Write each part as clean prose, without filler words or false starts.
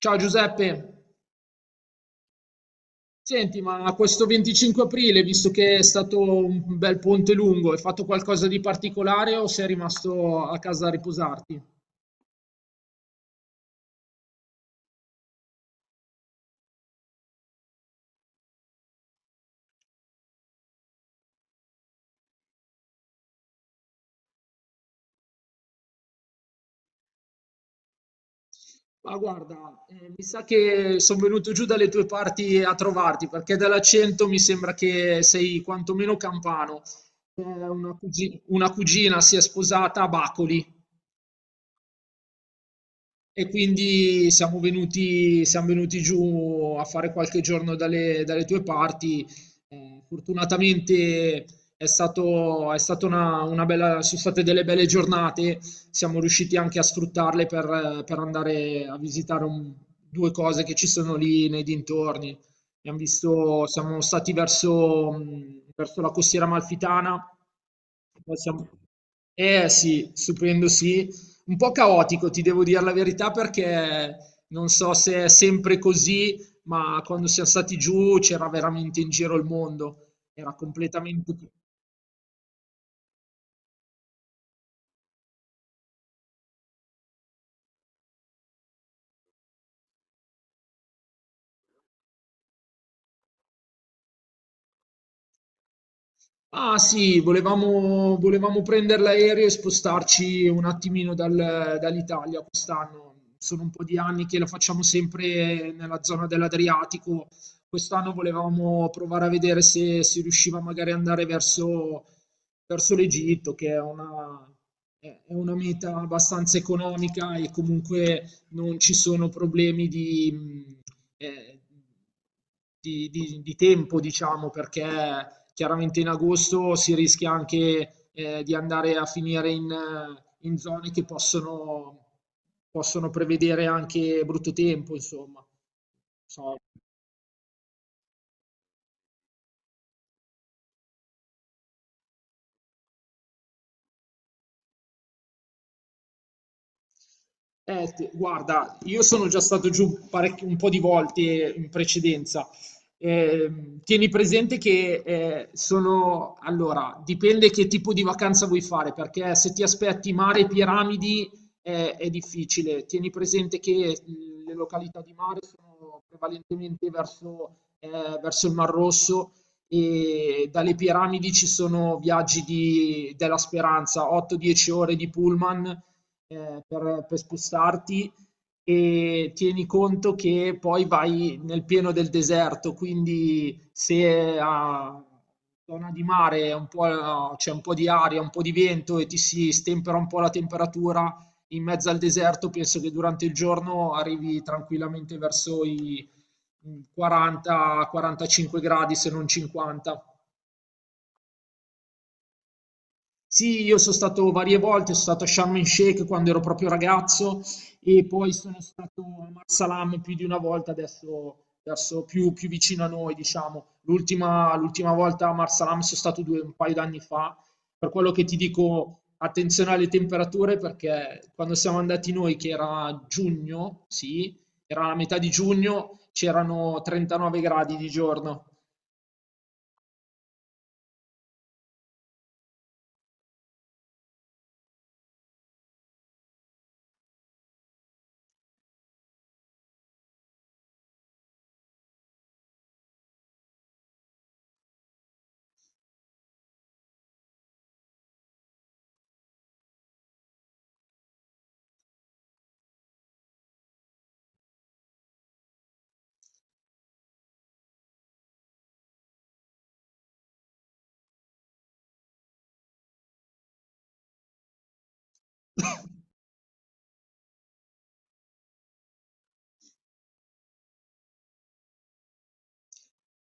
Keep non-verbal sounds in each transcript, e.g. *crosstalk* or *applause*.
Ciao Giuseppe, senti, ma questo 25 aprile, visto che è stato un bel ponte lungo, hai fatto qualcosa di particolare o sei rimasto a casa a riposarti? Ma guarda, mi sa che sono venuto giù dalle tue parti a trovarti, perché dall'accento mi sembra che sei quantomeno campano. Una cugina si è sposata a Bacoli. E quindi siamo venuti giù a fare qualche giorno dalle tue parti. Fortunatamente è stata una bella, sono state delle belle giornate, siamo riusciti anche a sfruttarle per andare a visitare due cose che ci sono lì nei dintorni. Siamo stati verso, verso la costiera amalfitana, poi siamo, eh sì, stupendo sì, un po' caotico, ti devo dire la verità, perché non so se è sempre così, ma quando siamo stati giù c'era veramente in giro il mondo, era completamente. Ah sì, volevamo prendere l'aereo e spostarci un attimino dall'Italia quest'anno. Sono un po' di anni che lo facciamo sempre nella zona dell'Adriatico. Quest'anno volevamo provare a vedere se si riusciva magari ad andare verso, verso l'Egitto, che è una meta abbastanza economica e comunque non ci sono problemi eh, di di tempo, diciamo, perché chiaramente in agosto si rischia anche di andare a finire in, in zone che possono, possono prevedere anche brutto tempo, insomma. So, eh, guarda, io sono già stato giù un po' di volte in precedenza. Tieni presente che sono... Allora, dipende che tipo di vacanza vuoi fare, perché se ti aspetti mare e piramidi è difficile. Tieni presente che le località di mare sono prevalentemente verso, verso il Mar Rosso e dalle piramidi ci sono della speranza, 8-10 ore di pullman per spostarti, e tieni conto che poi vai nel pieno del deserto, quindi se a zona di mare è un po', c'è un po' di aria, un po' di vento e ti si stempera un po' la temperatura in mezzo al deserto, penso che durante il giorno arrivi tranquillamente verso i 40-45 gradi, se non 50. Sì, io sono stato varie volte, sono stato a Sharm el Sheikh quando ero proprio ragazzo e poi sono stato a Marsalam più di una volta, adesso più vicino a noi, diciamo. L'ultima volta a Marsalam sono stato un paio d'anni fa, per quello che ti dico attenzione alle temperature perché quando siamo andati noi, che era giugno, sì, era la metà di giugno, c'erano 39 gradi di giorno.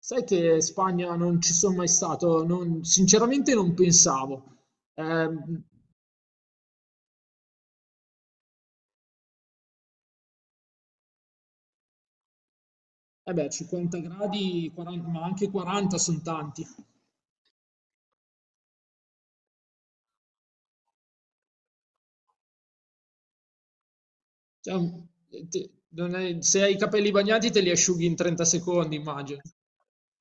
Sai che in Spagna non ci sono mai stato, sinceramente non pensavo. Ehm, eh beh, 50 gradi, 40, ma anche 40 sono tanti. Cioè, un- te- non è- Se hai i capelli bagnati te li asciughi in 30 secondi, immagino.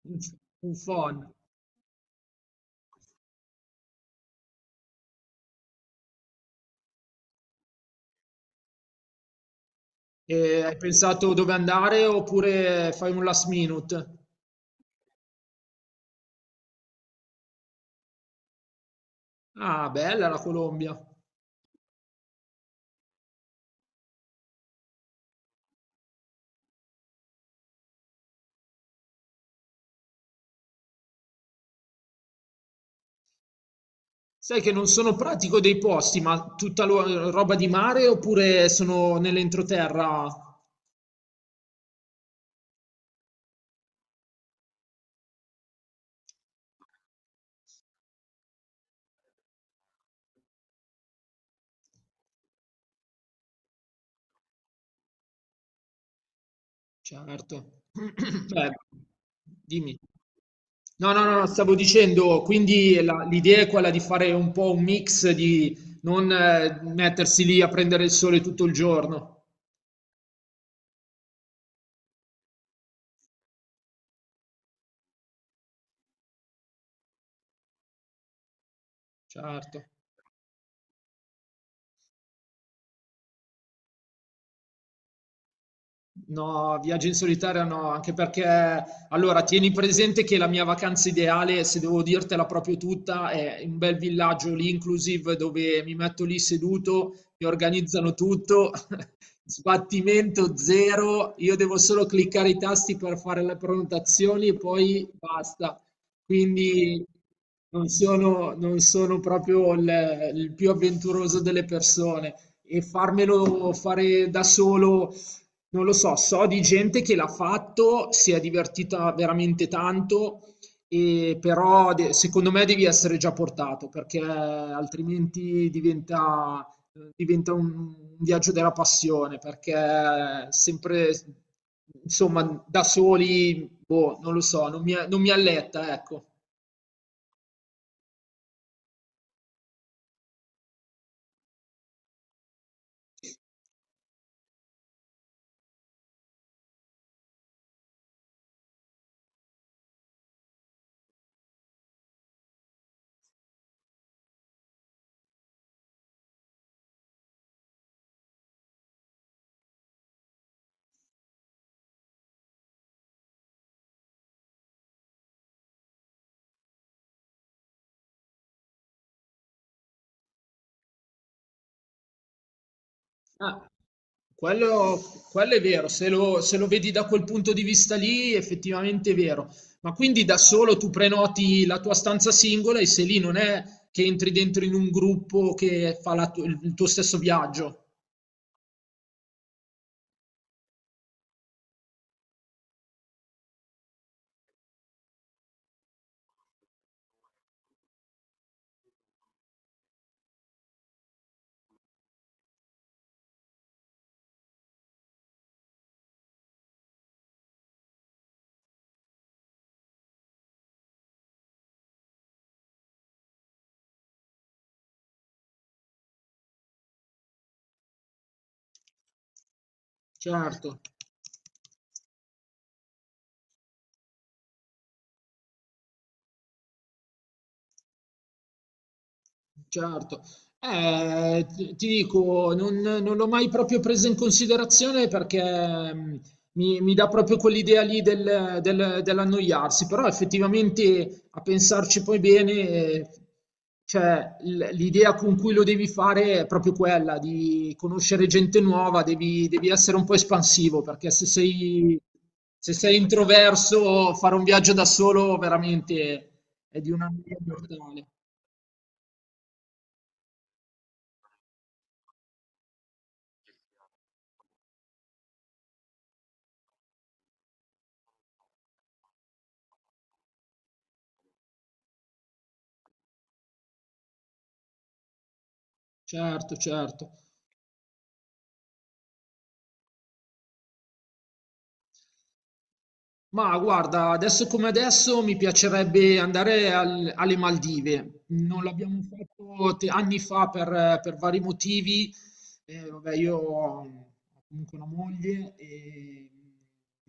Un f- un phon. E hai pensato dove andare oppure fai un last minute? Ah, bella la Colombia. Sai che non sono pratico dei posti, ma tutta roba di mare oppure sono nell'entroterra? Certo. *clears throat* Beh, dimmi. No, no, no, no, stavo dicendo, quindi l'idea è quella di fare un po' un mix, di non mettersi lì a prendere il sole tutto il giorno. Certo. No, viaggi in solitaria no, anche perché, allora, tieni presente che la mia vacanza ideale, se devo dirtela proprio tutta, è un bel villaggio lì inclusive dove mi metto lì seduto, mi organizzano tutto *laughs* sbattimento zero, io devo solo cliccare i tasti per fare le prenotazioni e poi basta. Quindi non sono proprio il più avventuroso delle persone, e farmelo fare da solo, non lo so, so di gente che l'ha fatto, si è divertita veramente tanto, e però de- secondo me devi essere già portato perché altrimenti diventa un viaggio della passione perché sempre, insomma, da soli, boh, non lo so, non mi alletta, ecco. Ah, quello, quello è vero, se lo vedi da quel punto di vista lì, effettivamente è vero. Ma quindi da solo tu prenoti la tua stanza singola e se lì non è che entri dentro in un gruppo che fa il tuo stesso viaggio. Certo. Certo. Ti dico, non l'ho mai proprio presa in considerazione perché mh, mi dà proprio quell'idea lì dell'annoiarsi, però effettivamente a pensarci poi bene, cioè, l'idea con cui lo devi fare è proprio quella di conoscere gente nuova, devi essere un po' espansivo perché se sei, se sei introverso fare un viaggio da solo veramente è di una noia mortale. Certo, certo. Ma guarda, adesso come adesso mi piacerebbe andare alle Maldive. Non l'abbiamo fatto anni fa per vari motivi. Vabbè, io ho comunque una moglie e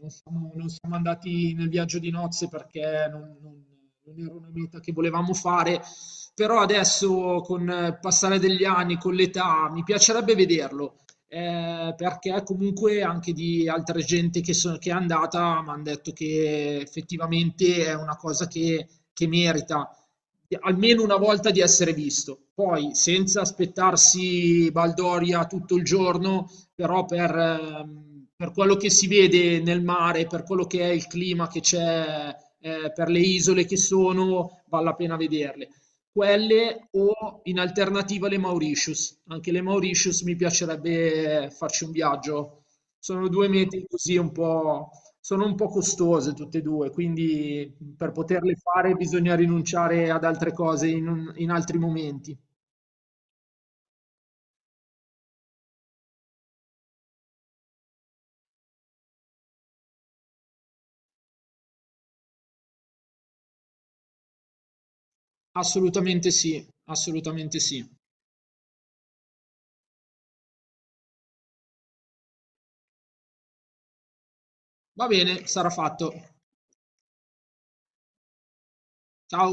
non siamo andati nel viaggio di nozze perché non era una meta che volevamo fare. Però adesso, con il passare degli anni, con l'età, mi piacerebbe vederlo perché comunque anche di altra gente che è andata mi hanno detto che effettivamente è una cosa che merita almeno una volta di essere visto. Poi senza aspettarsi Baldoria tutto il giorno, però per quello che si vede nel mare, per quello che è il clima che c'è, per le isole che sono, vale la pena vederle. Quelle o in alternativa le Mauritius. Anche le Mauritius mi piacerebbe farci un viaggio. Sono due mete così un po', sono un po' costose tutte e due, quindi per poterle fare bisogna rinunciare ad altre cose in, in altri momenti. Assolutamente sì, assolutamente sì. Va bene, sarà fatto. Ciao.